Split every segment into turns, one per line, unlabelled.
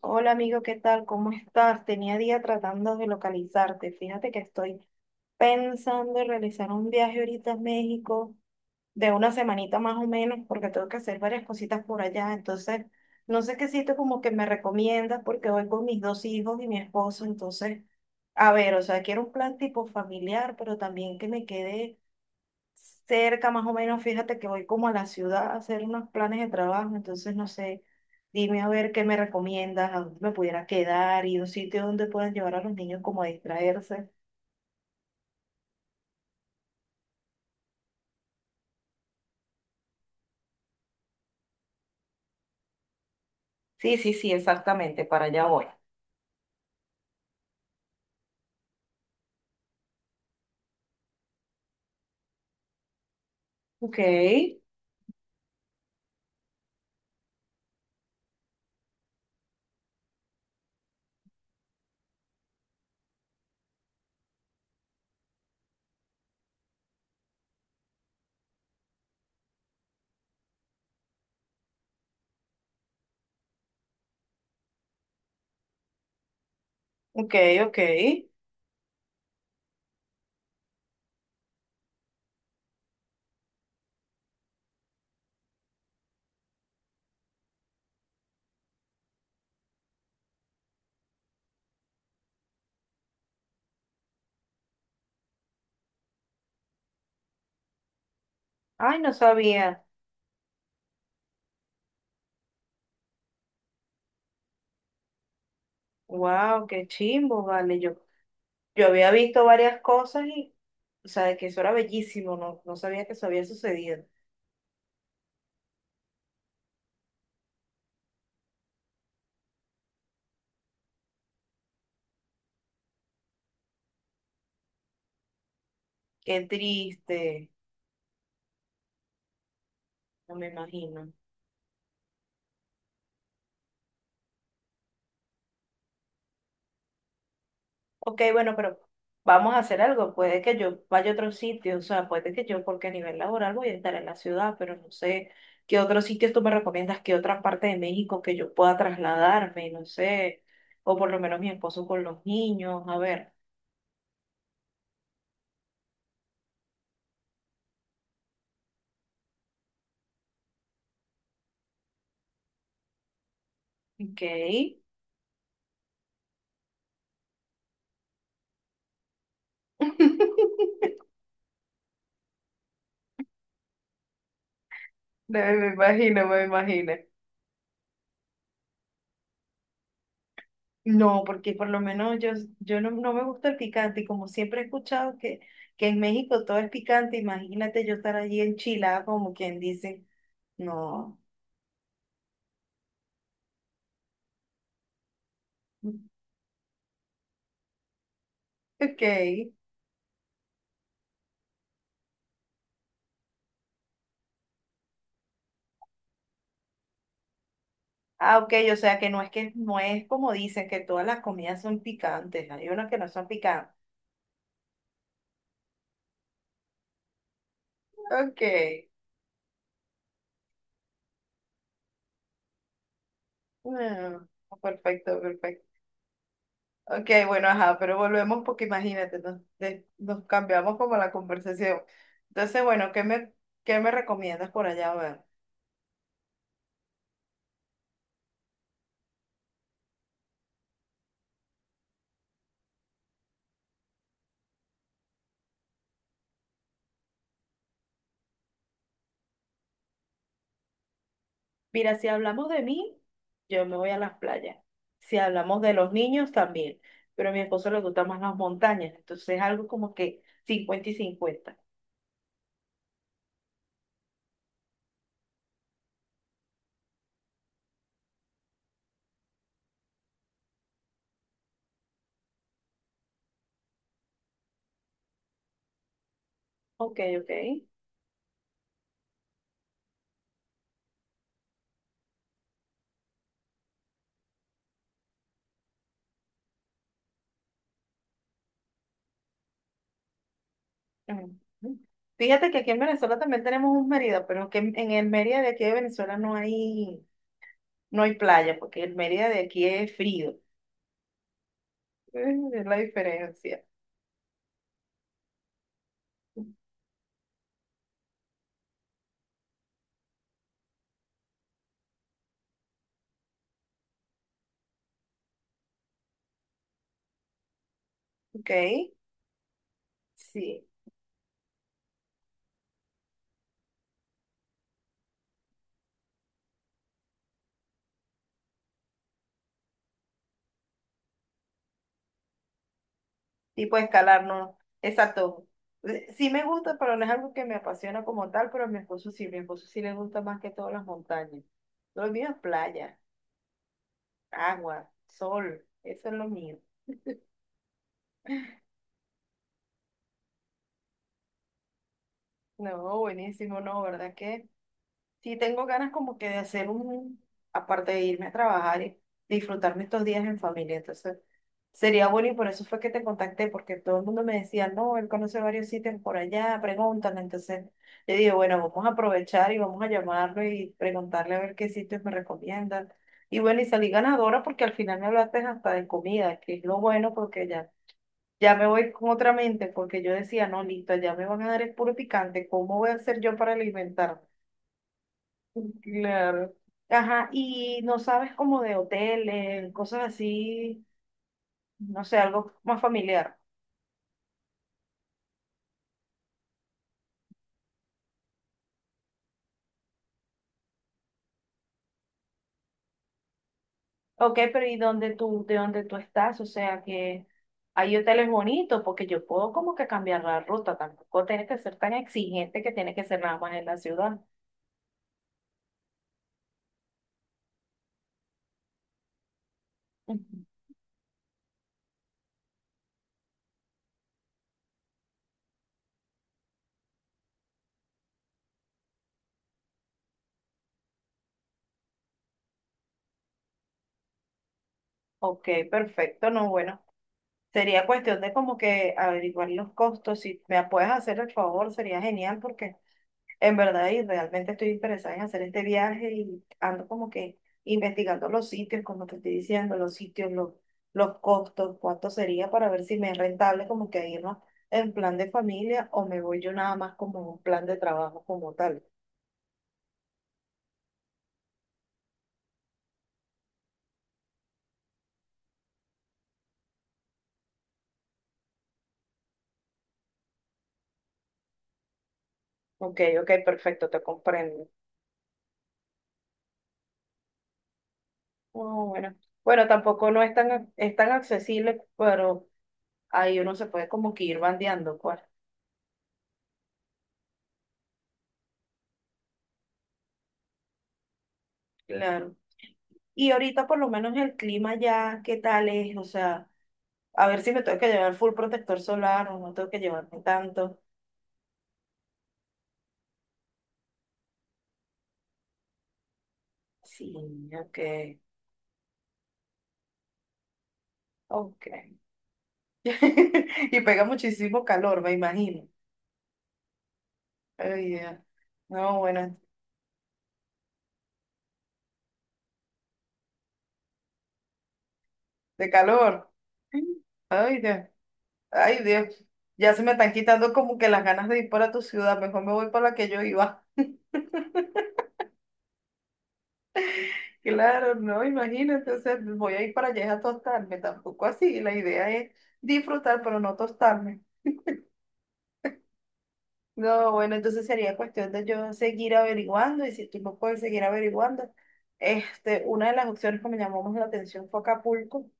Hola amigo, ¿qué tal? ¿Cómo estás? Tenía día tratando de localizarte. Fíjate que estoy pensando en realizar un viaje ahorita a México de una semanita más o menos porque tengo que hacer varias cositas por allá. Entonces, no sé qué sitio como que me recomiendas porque voy con mis dos hijos y mi esposo. Entonces, a ver, o sea, quiero un plan tipo familiar, pero también que me quede cerca más o menos, fíjate que voy como a la ciudad a hacer unos planes de trabajo, entonces no sé, dime a ver qué me recomiendas, a dónde me pudiera quedar y un sitio donde puedan llevar a los niños como a distraerse. Sí, sí, sí, exactamente, para allá voy. Ok, ok, ok. Ay, no sabía. Wow, qué chimbo, vale. Yo había visto varias cosas y, o sea, de que eso era bellísimo, no, no sabía que eso había sucedido. Qué triste, no me imagino. Ok, bueno, pero vamos a hacer algo. Puede que yo vaya a otro sitio, o sea, puede que yo, porque a nivel laboral voy a estar en la ciudad, pero no sé qué otros sitios tú me recomiendas, qué otra parte de México que yo pueda trasladarme, no sé, o por lo menos mi esposo con los niños, a ver, ok. No, me imagino, me imagino. No, porque por lo menos yo no, no me gusta el picante y como siempre he escuchado que en México todo es picante, imagínate yo estar allí en Chile, como quien dice, no. Ok. Ah, ok, o sea que no es como dicen que todas las comidas son picantes, hay unas que no son picantes. Ok. Mm, perfecto, perfecto. Ok, bueno, ajá, pero volvemos porque imagínate, nos cambiamos como la conversación. Entonces, bueno, ¿qué me recomiendas por allá? A ver. Mira, si hablamos de mí, yo me voy a las playas. Si hablamos de los niños, también. Pero a mi esposo le gustan más las montañas, entonces es algo como que 50 y 50. Ok, ok. Ujú. Fíjate que aquí en Venezuela también tenemos un Mérida, pero que en el Mérida de aquí de Venezuela no hay, no hay playa, porque el Mérida de aquí es frío. Es la diferencia. Ok, sí. Tipo escalar, no. Exacto. Sí me gusta, pero no es algo que me apasiona como tal, pero a mi esposo sí le gusta más que todas las montañas. Lo mío es playa, agua, sol, eso es lo mío. No, buenísimo, no, ¿verdad que? Sí, tengo ganas como que de hacer un, aparte de irme a trabajar y disfrutarme estos días en familia. Entonces, sería bueno y por eso fue que te contacté, porque todo el mundo me decía, no, él conoce varios sitios por allá, pregúntale. Entonces, yo dije, bueno, vamos a aprovechar y vamos a llamarlo y preguntarle a ver qué sitios me recomiendan. Y bueno, y salí ganadora porque al final me hablaste hasta de comida, que es lo bueno porque ya, ya me voy con otra mente, porque yo decía, no, listo, ya me van a dar el puro picante, ¿cómo voy a hacer yo para alimentarme? Claro. Ajá, y no sabes como de hoteles, cosas así, no sé, algo más familiar. Ok, pero ¿y de dónde tú estás? O sea, que hay hoteles bonitos, porque yo puedo como que cambiar la ruta, tampoco tienes que ser tan exigente que tiene que ser nada más en la ciudad. Ujú. Ok, perfecto, no, bueno, sería cuestión de como que averiguar los costos, si me puedes hacer el favor, sería genial, porque en verdad, y realmente estoy interesada en hacer este viaje y ando como que investigando los sitios, como te estoy diciendo, los sitios, los costos, cuánto sería para ver si me es rentable como que irnos en plan de familia o me voy yo nada más como un plan de trabajo como tal. Ok, ok, perfecto, te comprendo. Oh, bueno, bueno, tampoco no es tan accesible, pero ahí uno se puede como que ir bandeando, pues. Claro. Y ahorita por lo menos el clima ya, ¿qué tal es? O sea... A ver si me tengo que llevar full protector solar o no tengo que llevarme tanto. Sí, ok. Ok. Y pega muchísimo calor, me imagino. Ay, Dios. No, bueno, de calor. Ay, Dios. Ay, Dios. Ya se me están quitando como que las ganas de ir para tu ciudad. Mejor me voy para la que yo iba. Claro, no, imagínate. O sea, voy a ir para allá a tostarme. Tampoco así. La idea es disfrutar, pero no tostarme. No, bueno, entonces sería cuestión de yo seguir averiguando y si tú no puedes seguir averiguando. Una de las opciones que me llamó más la atención fue Acapulco.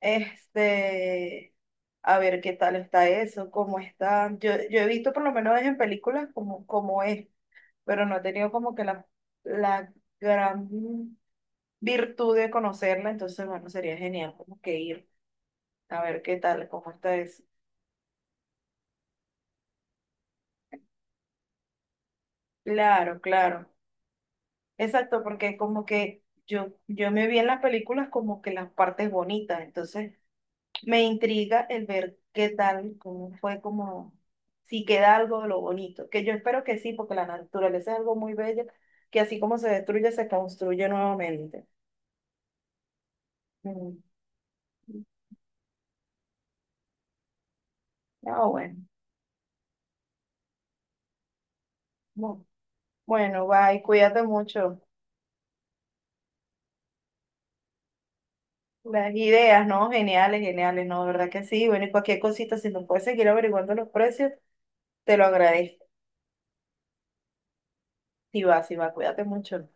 Este, a ver qué tal está eso, cómo está. Yo he visto por lo menos en películas cómo es, pero no he tenido como que la gran virtud de conocerla, entonces bueno, sería genial como que ir a ver qué tal, cómo está eso. Claro, claro. Exacto, porque como que yo me vi en las películas como que las partes bonitas, entonces me intriga el ver qué tal, cómo fue como, si queda algo de lo bonito, que yo espero que sí, porque la naturaleza es algo muy bello, que así como se destruye, se construye nuevamente. Mm. Ah, bueno. Bu- Bueno, bye, cuídate mucho. Las ideas, ¿no? Geniales, geniales, ¿no? ¿Verdad que sí? Bueno, y cualquier cosita, si nos puedes seguir averiguando los precios, te lo agradezco. Si va, si va, cuídate mucho.